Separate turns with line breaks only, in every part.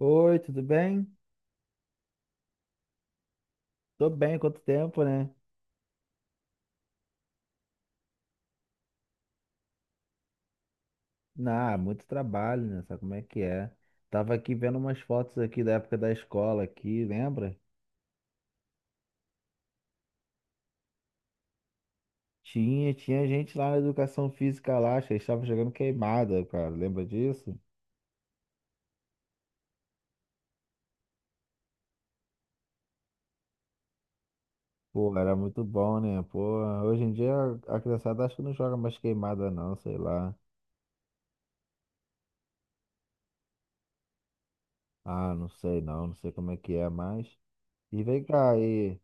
Oi, tudo bem? Tô bem, quanto tempo, né? Ah, muito trabalho, né? Sabe como é que é? Tava aqui vendo umas fotos aqui da época da escola aqui, lembra? Tinha gente lá na educação física lá, acho que estava jogando queimada, cara. Lembra disso? Pô, era muito bom, né? Pô, hoje em dia a criançada acho que não joga mais queimada não, sei lá. Ah, não sei não, não sei como é que é mais. E vem cá aí.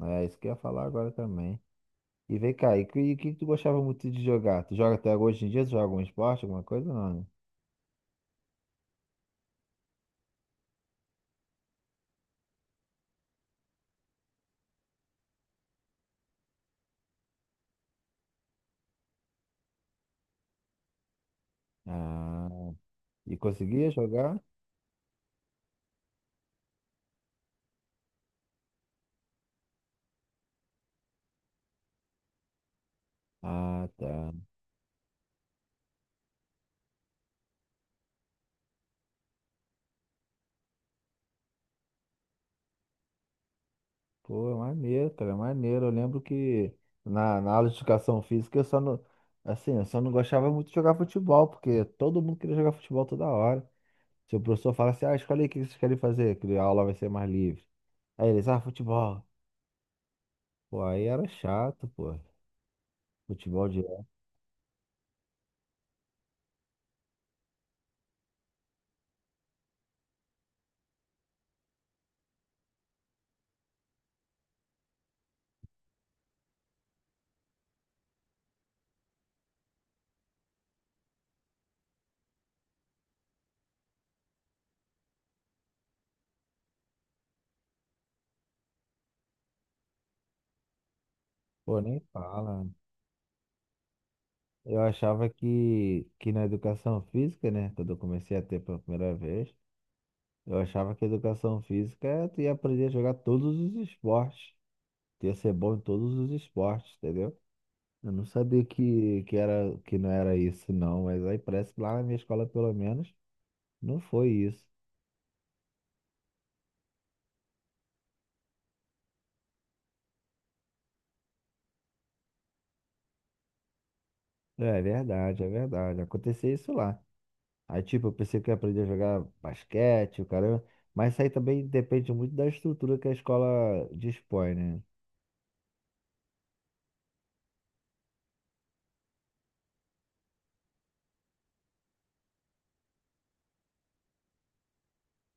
É, isso que eu ia falar agora também. E vem cá, e o que, que tu gostava muito de jogar? Tu joga até hoje em dia? Tu joga algum esporte, alguma coisa? Não, né? Ah, e conseguia jogar? Ah, tá. Pô, é maneiro, cara, é maneiro. Eu lembro que na aula de educação física eu só não, assim, eu só não gostava muito de jogar futebol, porque todo mundo queria jogar futebol toda hora. Se o professor falasse, ah, escolhe aí o que vocês querem fazer, que a aula vai ser mais livre. Aí eles, ah, futebol. Pô, aí era chato, pô. Futebol de. Pô, nem fala. Eu achava que na educação física, né? Quando eu comecei a ter pela primeira vez, eu achava que educação física é tu ia aprender a jogar todos os esportes. Tu ia ser bom em todos os esportes, entendeu? Eu não sabia que, era, que não era isso, não. Mas aí parece que lá na minha escola, pelo menos, não foi isso. É verdade, é verdade. Aconteceu isso lá. Aí, tipo, eu pensei que eu ia aprender a jogar basquete, o caramba. Mas isso aí também depende muito da estrutura que a escola dispõe, né?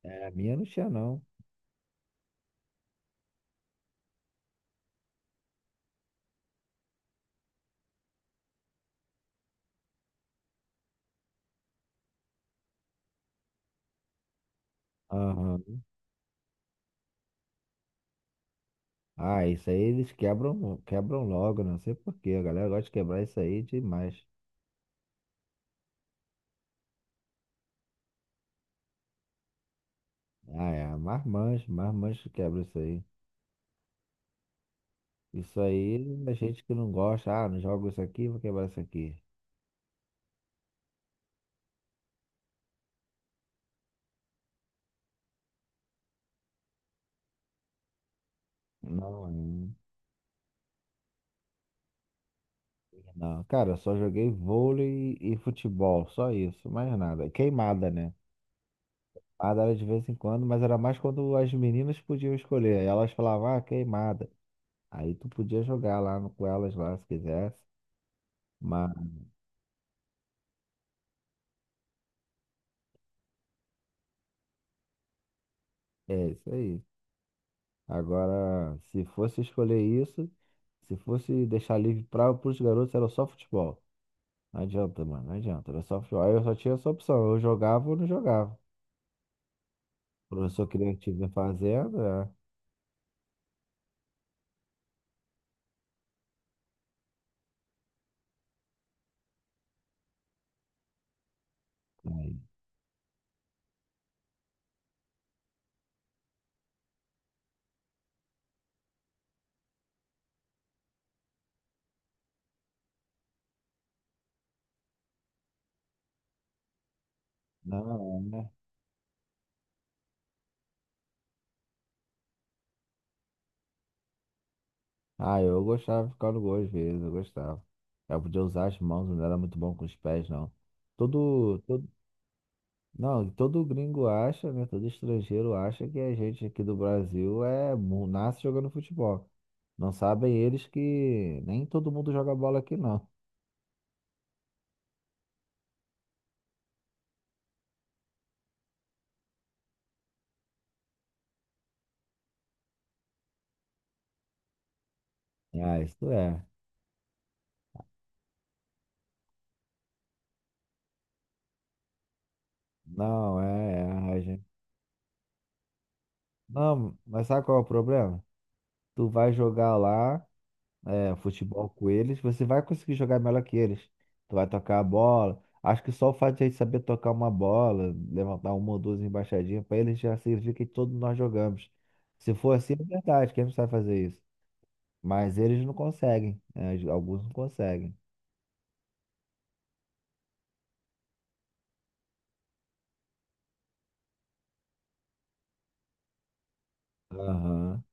É, a minha não tinha, não. Aham. Ah, isso aí eles quebram logo, né? Não sei por quê. A galera gosta de quebrar isso aí demais. Ah, é, marmanjo que quebra isso aí. Isso aí, a gente que não gosta, ah, não jogo isso aqui, vou quebrar isso aqui. Não, é- não. Cara, eu só joguei vôlei e futebol, só isso, mais nada. Queimada, né? Queimada era de vez em quando, mas era mais quando as meninas podiam escolher. Aí elas falavam, ah, queimada. Aí tu podia jogar lá no- com elas lá, se quisesse. Mas é isso aí. Agora, se fosse escolher isso, se fosse deixar livre para os garotos, era só futebol. Não adianta, mano, não adianta. Era só futebol. Aí eu só tinha essa opção, eu jogava ou não jogava. O professor queria que tivesse fazendo, é. Aí, não, né? Ah, eu gostava de ficar no gol às vezes, eu gostava. Eu podia usar as mãos, não era muito bom com os pés, não. Todo, não, todo gringo acha, né? Todo estrangeiro acha que a gente aqui do Brasil é mu- nasce jogando futebol. Não sabem eles que nem todo mundo joga bola aqui, não. Ah, isso é. Não, é, é, a gente- Não, mas sabe qual é o problema? Tu vai jogar lá. É, futebol com eles, você vai conseguir jogar melhor que eles. Tu vai tocar a bola. Acho que só o fato de a gente saber tocar uma bola, levantar uma ou duas embaixadinhas, para eles já significa que todos nós jogamos. Se for assim, é verdade, quem não sabe fazer isso? Mas eles não conseguem, né? Alguns não conseguem. Aham.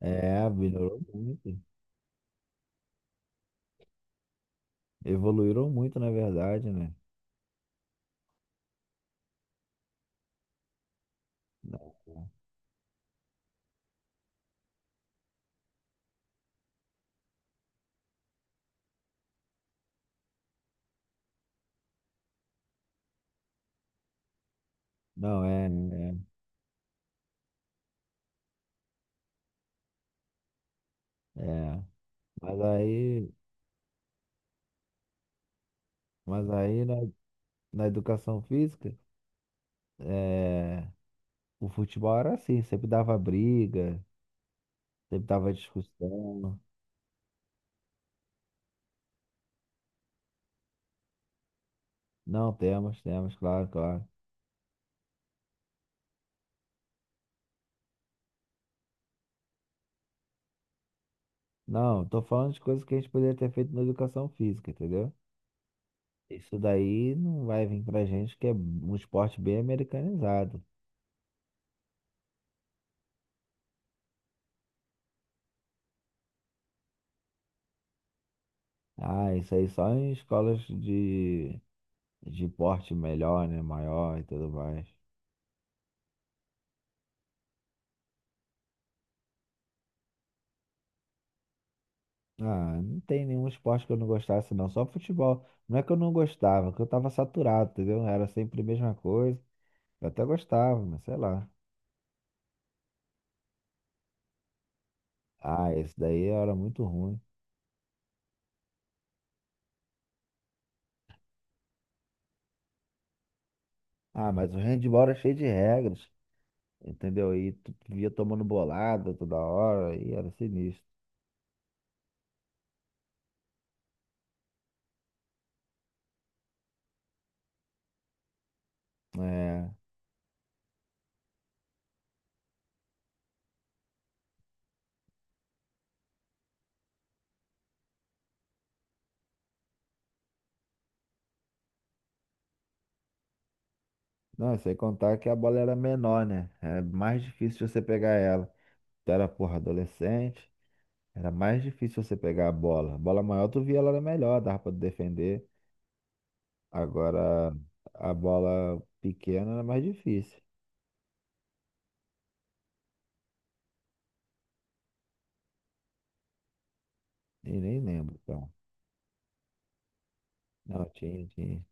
É, melhorou muito. Evoluíram muito, na verdade, né? Não, é, é, é. Mas aí, mas aí na, na educação física, é. O futebol era assim, sempre dava briga, sempre dava discussão. Não, temos, claro, claro. Não, tô falando de coisas que a gente poderia ter feito na educação física, entendeu? Isso daí não vai vir pra gente que é um esporte bem americanizado. Ah, isso aí só em escolas de porte melhor, né? Maior e tudo mais. Ah, não tem nenhum esporte que eu não gostasse, não. Só futebol. Não é que eu não gostava, é que eu tava saturado, entendeu? Era sempre a mesma coisa. Eu até gostava, mas sei lá. Ah, esse daí era muito ruim. Ah, mas o handball era cheio de regras, entendeu? E tu via tomando bolada toda hora e era sinistro. É. Não, sem contar que a bola era menor, né? Era mais difícil você pegar ela. Tu era, porra, adolescente, era mais difícil você pegar a bola. A bola maior tu via ela era melhor, dava pra tu defender. Agora, a bola pequena era mais difícil. E nem lembro, então. Não, tinha, tinha.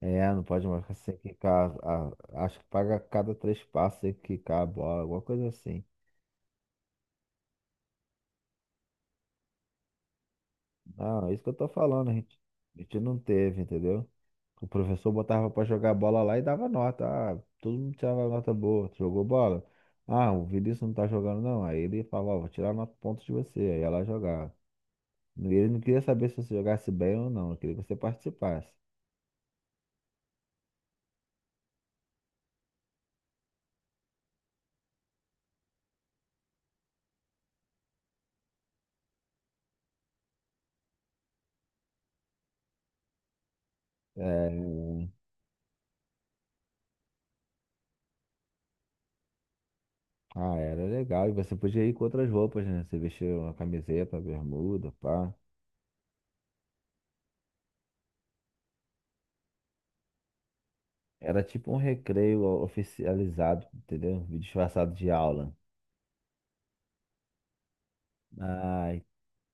É, não pode marcar sem quicar. A- acho que paga a cada três passos sem quicar a bola, alguma coisa assim. Não, é isso que eu tô falando, a gente. A gente não teve, entendeu? O professor botava pra jogar bola lá e dava nota. Ah, todo mundo tirava nota boa. Tu jogou bola? Ah, o Vinícius não tá jogando, não. Aí ele falava, ó, vou tirar nota pontos de você. Aí ela jogava. E ele não queria saber se você jogasse bem ou não, ele queria que você participasse. É, ah, era legal. E você podia ir com outras roupas, né? Você vestia uma camiseta, bermuda, pá. Era tipo um recreio oficializado, entendeu? Disfarçado de aula. Ai,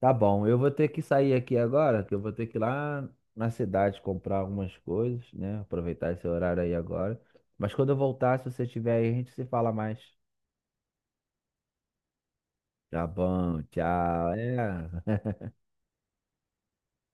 tá bom. Eu vou ter que sair aqui agora, que eu vou ter que ir lá na cidade comprar algumas coisas, né? Aproveitar esse horário aí agora. Mas quando eu voltar, se você estiver aí, a gente se fala mais. Tá bom, tchau. É.